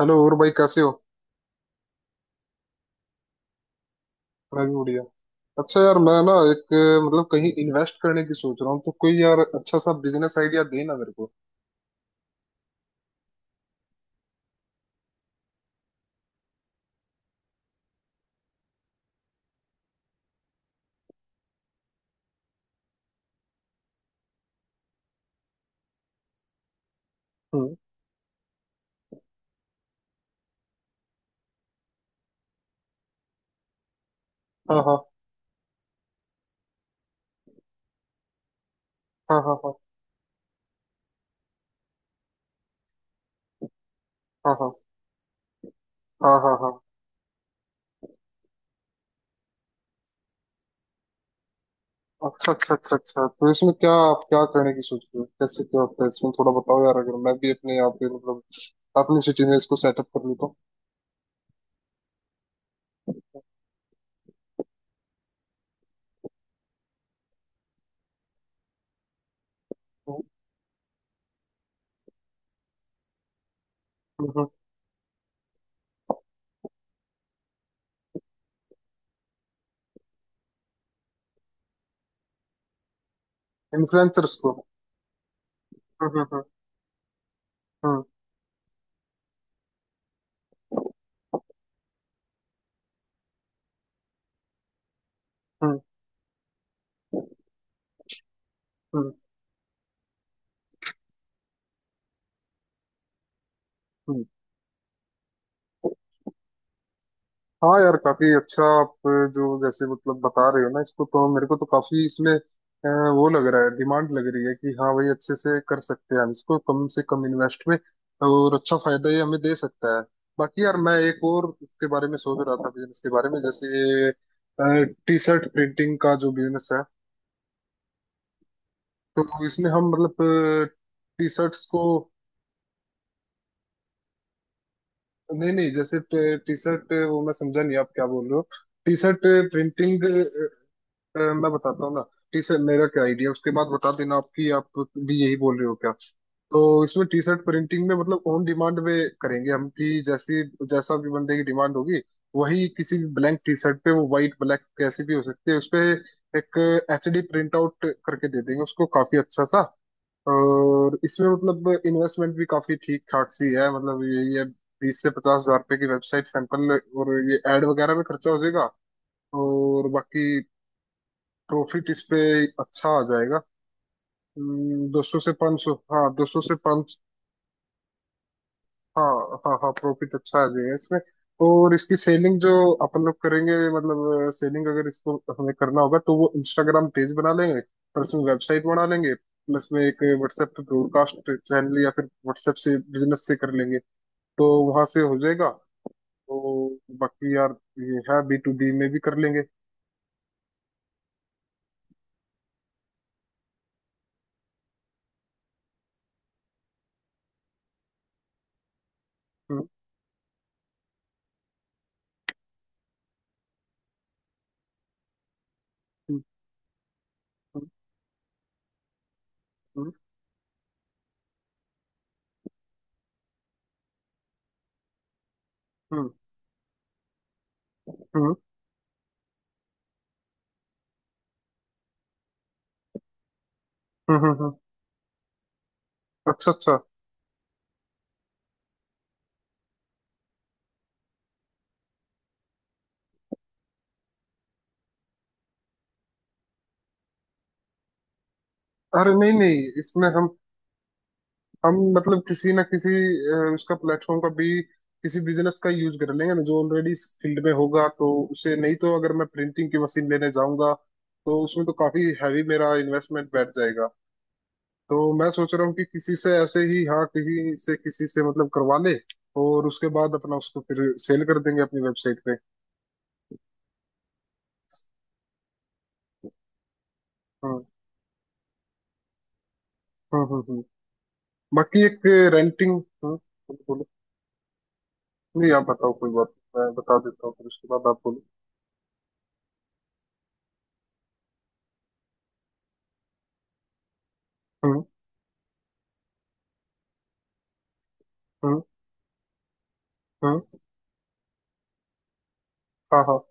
Hello, और भाई कैसे हो? मैं भी बढ़िया। अच्छा यार, मैं ना एक मतलब कहीं इन्वेस्ट करने की सोच रहा हूँ, तो कोई यार अच्छा सा बिजनेस आइडिया दे ना मेरे को। हम्म। हाँ, हाँ, हाँ, हाँ, हाँ, हाँ, हाँ, हाँ, हाँ, हाँ। अच्छा, अच्छा, अच्छा, अच्छा। तो इसमें क्या आप क्या करने की सोच रहे हो? कैसे क्या होता है इसमें थोड़ा बताओ यार, अगर मैं भी अपने यहाँ पे मतलब अपनी सिटी में इसको सेटअप कर लूँ तो। इन्फ्लुएंसर्स को? हम्म, हम्म, हम्म, हम्म, हम्म, हम्म, हम्म। हाँ यार, काफी अच्छा आप जो जैसे मतलब बता रहे हो ना इसको, तो मेरे को तो काफी इसमें वो लग रहा है, डिमांड लग रही है कि हाँ भाई अच्छे से कर सकते हैं हम इसको कम से कम इन्वेस्ट में, और अच्छा फायदा ये हमें दे सकता है। बाकी यार, मैं एक और उसके बारे में सोच रहा था, बिजनेस के बारे में। जैसे टी शर्ट प्रिंटिंग का जो बिजनेस है, तो इसमें हम मतलब टी शर्ट्स को। नहीं, नहीं, जैसे टी शर्ट वो मैं समझा नहीं आप क्या बोल रहे हो, टी शर्ट प्रिंटिंग। मैं बताता हूँ ना, टी शर्ट मेरा क्या आइडिया उसके बाद बता देना, आपकी आप भी यही बोल रहे हो क्या? तो इसमें टी शर्ट प्रिंटिंग में मतलब ऑन डिमांड में करेंगे हम, कि जैसी जैसा भी बंदे की डिमांड होगी, वही किसी भी ब्लैंक टी शर्ट पे, वो व्हाइट ब्लैक कैसी भी हो सकती है, उस पे एक HD प्रिंट आउट करके दे देंगे उसको, काफी अच्छा सा। और इसमें मतलब इन्वेस्टमेंट भी काफी ठीक ठाक सी है, मतलब ये 20 से 50,000 रुपए की वेबसाइट, सैंपल और ये एड वगैरह में खर्चा हो जाएगा। और बाकी प्रॉफिट इस पे अच्छा आ जाएगा। 200 से 500, हाँ, 200 से पाँच। हाँ, हाँ, हाँ, प्रॉफिट अच्छा आ जाएगा इसमें। और इसकी सेलिंग जो अपन लोग करेंगे, मतलब सेलिंग अगर इसको हमें करना होगा तो वो इंस्टाग्राम पेज बना लेंगे, प्लस में वेबसाइट बना लेंगे, प्लस में एक व्हाट्सएप पे ब्रॉडकास्ट चैनल, या फिर व्हाट्सएप से बिजनेस से कर लेंगे। तो वहां से हो जाएगा। तो बाकी यार ये है, B2B में भी कर लेंगे। हम्म, हम्म, हम्म, हम्म, हम्म, हम्म, हम्म, अच्छा, अच्छा। अरे नहीं, नहीं, इसमें हम मतलब किसी ना किसी उसका प्लेटफॉर्म का भी, किसी बिजनेस का यूज कर लेंगे ना जो ऑलरेडी इस फील्ड में होगा तो। उसे नहीं तो अगर मैं प्रिंटिंग की मशीन लेने जाऊंगा तो उसमें तो काफी हैवी मेरा इन्वेस्टमेंट बैठ जाएगा। तो मैं सोच रहा हूँ कि किसी से ऐसे ही, हाँ, कहीं से किसी से मतलब करवा ले, और उसके बाद अपना उसको फिर सेल कर देंगे अपनी वेबसाइट पे। हम्म, हम्म, हम्म, बाकी एक रेंटिंग बोलो। बोलो। नहीं, आप बताओ कोई बात, मैं बता देता हूँ फिर उसके बाद आप बोलो। हम्म। हाँ, हाँ, हाँ,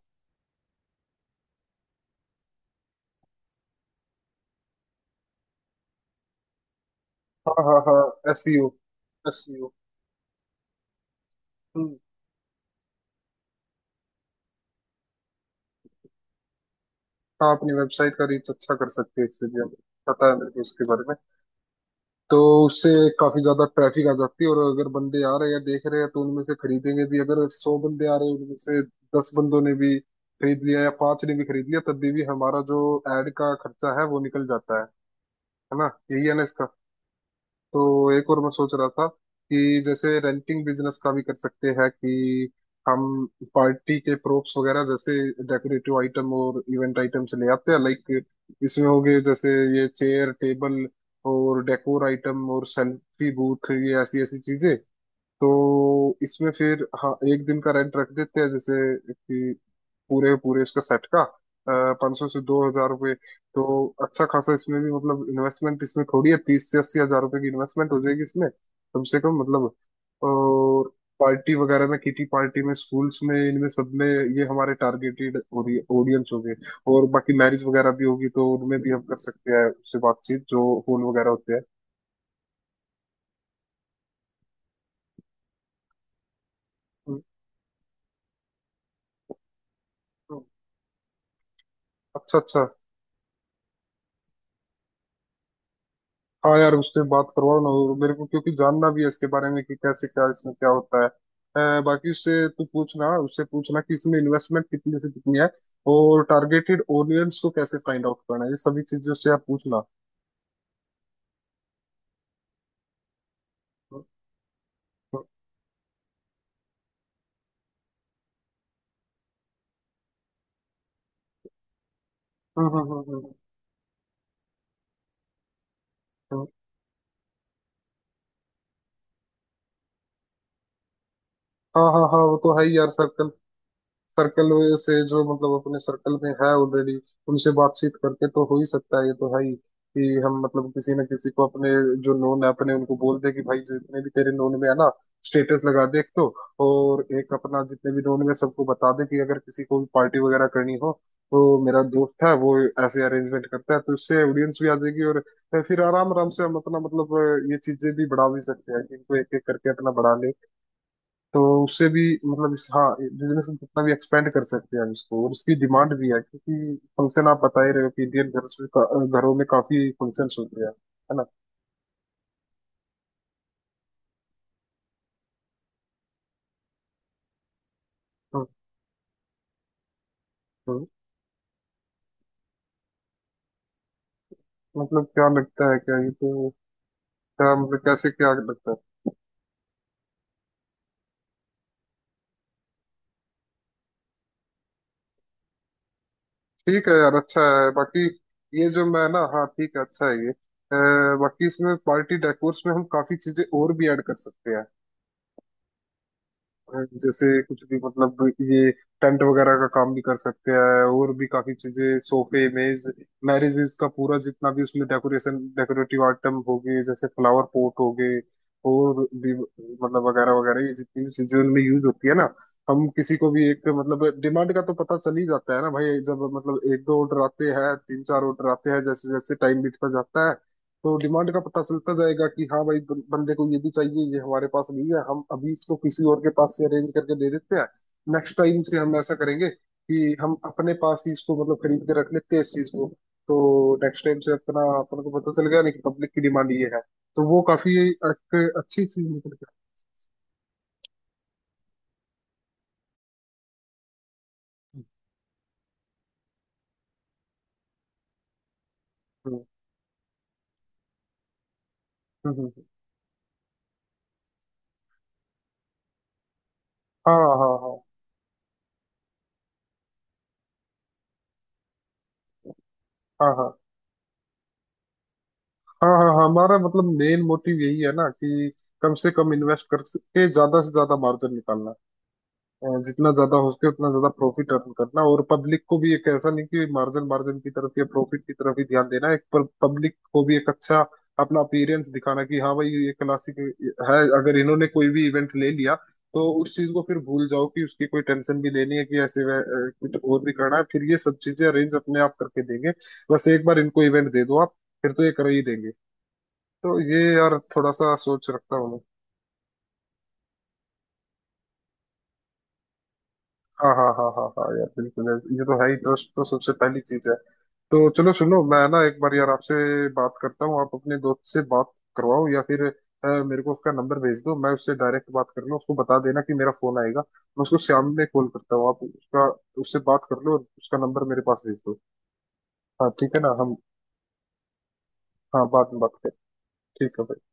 हाँ, हाँ, हाँ, एस। SEO। हम्म। हाँ, अपनी वेबसाइट का रीच अच्छा कर सकते हैं इससे भी हमें, पता है मेरे को उसके बारे में। तो उससे काफी ज्यादा ट्रैफिक आ जाती है, और अगर बंदे आ रहे हैं या देख रहे हैं तो उनमें से खरीदेंगे भी। अगर 100 बंदे आ रहे हैं उनमें से 10 बंदों ने भी खरीद लिया या पांच ने भी खरीद लिया, तब भी हमारा जो एड का खर्चा है वो निकल जाता है। है ना? यही है ना? तो एक और मैं सोच रहा था कि जैसे रेंटिंग बिजनेस का भी कर सकते हैं कि हम पार्टी के प्रोप्स वगैरह, जैसे डेकोरेटिव आइटम और इवेंट आइटम्स ले आते हैं, लाइक इसमें हो गए जैसे ये चेयर टेबल और डेकोर आइटम और सेल्फी बूथ, ये ऐसी ऐसी चीजें। तो इसमें फिर हाँ, एक दिन का रेंट रख देते हैं जैसे, कि पूरे पूरे इसका सेट का 500 से 2,000 रुपये। तो अच्छा खासा इसमें भी मतलब इन्वेस्टमेंट इसमें थोड़ी है, 30 से 80,000 रुपये की इन्वेस्टमेंट हो जाएगी इसमें, कम से कम मतलब। और पार्टी वगैरह में, किटी पार्टी में, स्कूल्स में, इनमें सब में ये हमारे टारगेटेड ऑडियंस हो गए। और बाकी मैरिज वगैरह भी होगी तो उनमें भी हम कर सकते हैं, उससे बातचीत जो फोन वगैरह होते हैं। हम्म, हम्म। अच्छा, अच्छा। हाँ यार, उससे बात करवाओ ना, और मेरे को क्योंकि जानना भी है इसके बारे में कि कैसे क्या इसमें क्या होता है। बाकी उससे तू पूछना, उससे पूछना कि इसमें इन्वेस्टमेंट कितनी से कितनी है, और टारगेटेड ऑडियंस को कैसे फाइंड आउट करना है, ये सभी चीजें उससे आप पूछना। हम्म, हम्म, हम्म, हम्म। हाँ, हाँ, हाँ, वो तो है ही यार, सर्कल। सर्कल से जो मतलब अपने सर्कल में है ऑलरेडी, उनसे बातचीत करके तो हो ही सकता है, ये तो है ही कि हम मतलब किसी ना किसी को अपने जो नोन है अपने, उनको बोल दे कि भाई जितने भी तेरे नोन में है ना, स्टेटस लगा दे एक तो। और एक अपना जितने भी नोन में सबको बता दे कि अगर किसी को भी पार्टी वगैरह करनी हो तो मेरा दोस्त है वो ऐसे अरेंजमेंट करता है, तो इससे ऑडियंस भी आ जाएगी। और फिर आराम आराम से हम अपना मतलब ये चीजें भी बढ़ा भी सकते हैं, कि इनको एक एक करके अपना बढ़ा ले। तो उससे भी मतलब इस हाँ बिजनेस को कितना भी एक्सपेंड कर सकते हैं हम इसको, और उसकी डिमांड भी है क्योंकि फंक्शन आप बता ही रहे हो कि इंडियन घर में घरों में काफी फंक्शंस होते हैं, है ना? हम्म, हम्म। मतलब क्या लगता है क्या, ये तो क्या मतलब कैसे क्या लगता है? ठीक है यार, अच्छा है बाकी। ये जो मैं ना, हाँ ठीक है, अच्छा है ये। बाकी इसमें पार्टी डेकोर्स में हम काफी चीजें और भी ऐड कर सकते हैं। जैसे कुछ भी मतलब ये टेंट वगैरह का काम भी कर सकते हैं, और भी काफी चीजें, सोफे मेज, मैरिजेस का पूरा जितना भी उसमें डेकोरेशन डेकोरेटिव आइटम हो गए जैसे फ्लावर पॉट हो गए, और भी मतलब वगैरह वगैरह, ये जितनी भी चीजें उनमें यूज होती है ना। हम किसी को भी एक मतलब, डिमांड का तो पता चल ही जाता है ना भाई, जब मतलब एक दो ऑर्डर आते हैं, तीन चार ऑर्डर आते हैं, जैसे जैसे टाइम बीतता जाता है। तो डिमांड का पता चलता जाएगा कि हाँ भाई, बंदे को ये भी चाहिए, ये हमारे पास नहीं है, हम अभी इसको किसी और के पास से अरेंज करके दे देते हैं। नेक्स्ट टाइम से हम ऐसा करेंगे कि हम अपने पास ही इसको मतलब खरीद के रख लेते हैं, इस चीज को। तो नेक्स्ट टाइम से अपना, अपन को पता चल गया नहीं कि पब्लिक की डिमांड ये है, तो वो काफी एक अच्छी चीज निकल के आती है। हम्म, हम्म, हम्म। हाँ, हाँ, हाँ, हाँ, हाँ, हाँ, हाँ, हाँ, हमारा मतलब मेन मोटिव यही है ना कि कम से कम इन्वेस्ट करके ज्यादा से ज्यादा मार्जिन निकालना। जितना ज्यादा हो सके उतना ज्यादा प्रॉफिट अर्न करना, और पब्लिक को भी एक ऐसा नहीं कि मार्जिन मार्जिन की तरफ या प्रॉफिट की तरफ ही ध्यान देना एक। पब्लिक को भी एक अच्छा अपना अपीयरेंस दिखाना, कि हाँ भाई ये क्लासिक है। अगर इन्होंने कोई भी इवेंट ले लिया तो उस चीज को फिर भूल जाओ कि उसकी कोई टेंशन भी लेनी है कि ऐसे कुछ और भी करना है, फिर ये सब चीजें अरेंज अपने आप करके देंगे। बस एक बार इनको इवेंट दे दो आप, फिर तो ये कर ही देंगे। तो ये यार थोड़ा सा सोच रखता हूँ मैं। हाँ, हाँ, हाँ, हाँ, हाँ यार, बिल्कुल यार, ये तो है ही। ट्रस्ट तो सबसे पहली चीज है। तो चलो सुनो, मैं ना एक बार यार आपसे बात करता हूँ, आप अपने दोस्त से बात करवाओ, या फिर मेरे को उसका नंबर भेज दो, मैं उससे डायरेक्ट बात कर लूँ। उसको बता देना कि मेरा फोन आएगा, मैं उसको शाम में कॉल करता हूँ, आप उसका उससे बात कर लो और उसका नंबर मेरे पास भेज दो। हाँ ठीक है ना, हम हाँ बाद में बात करें। ठीक है भाई।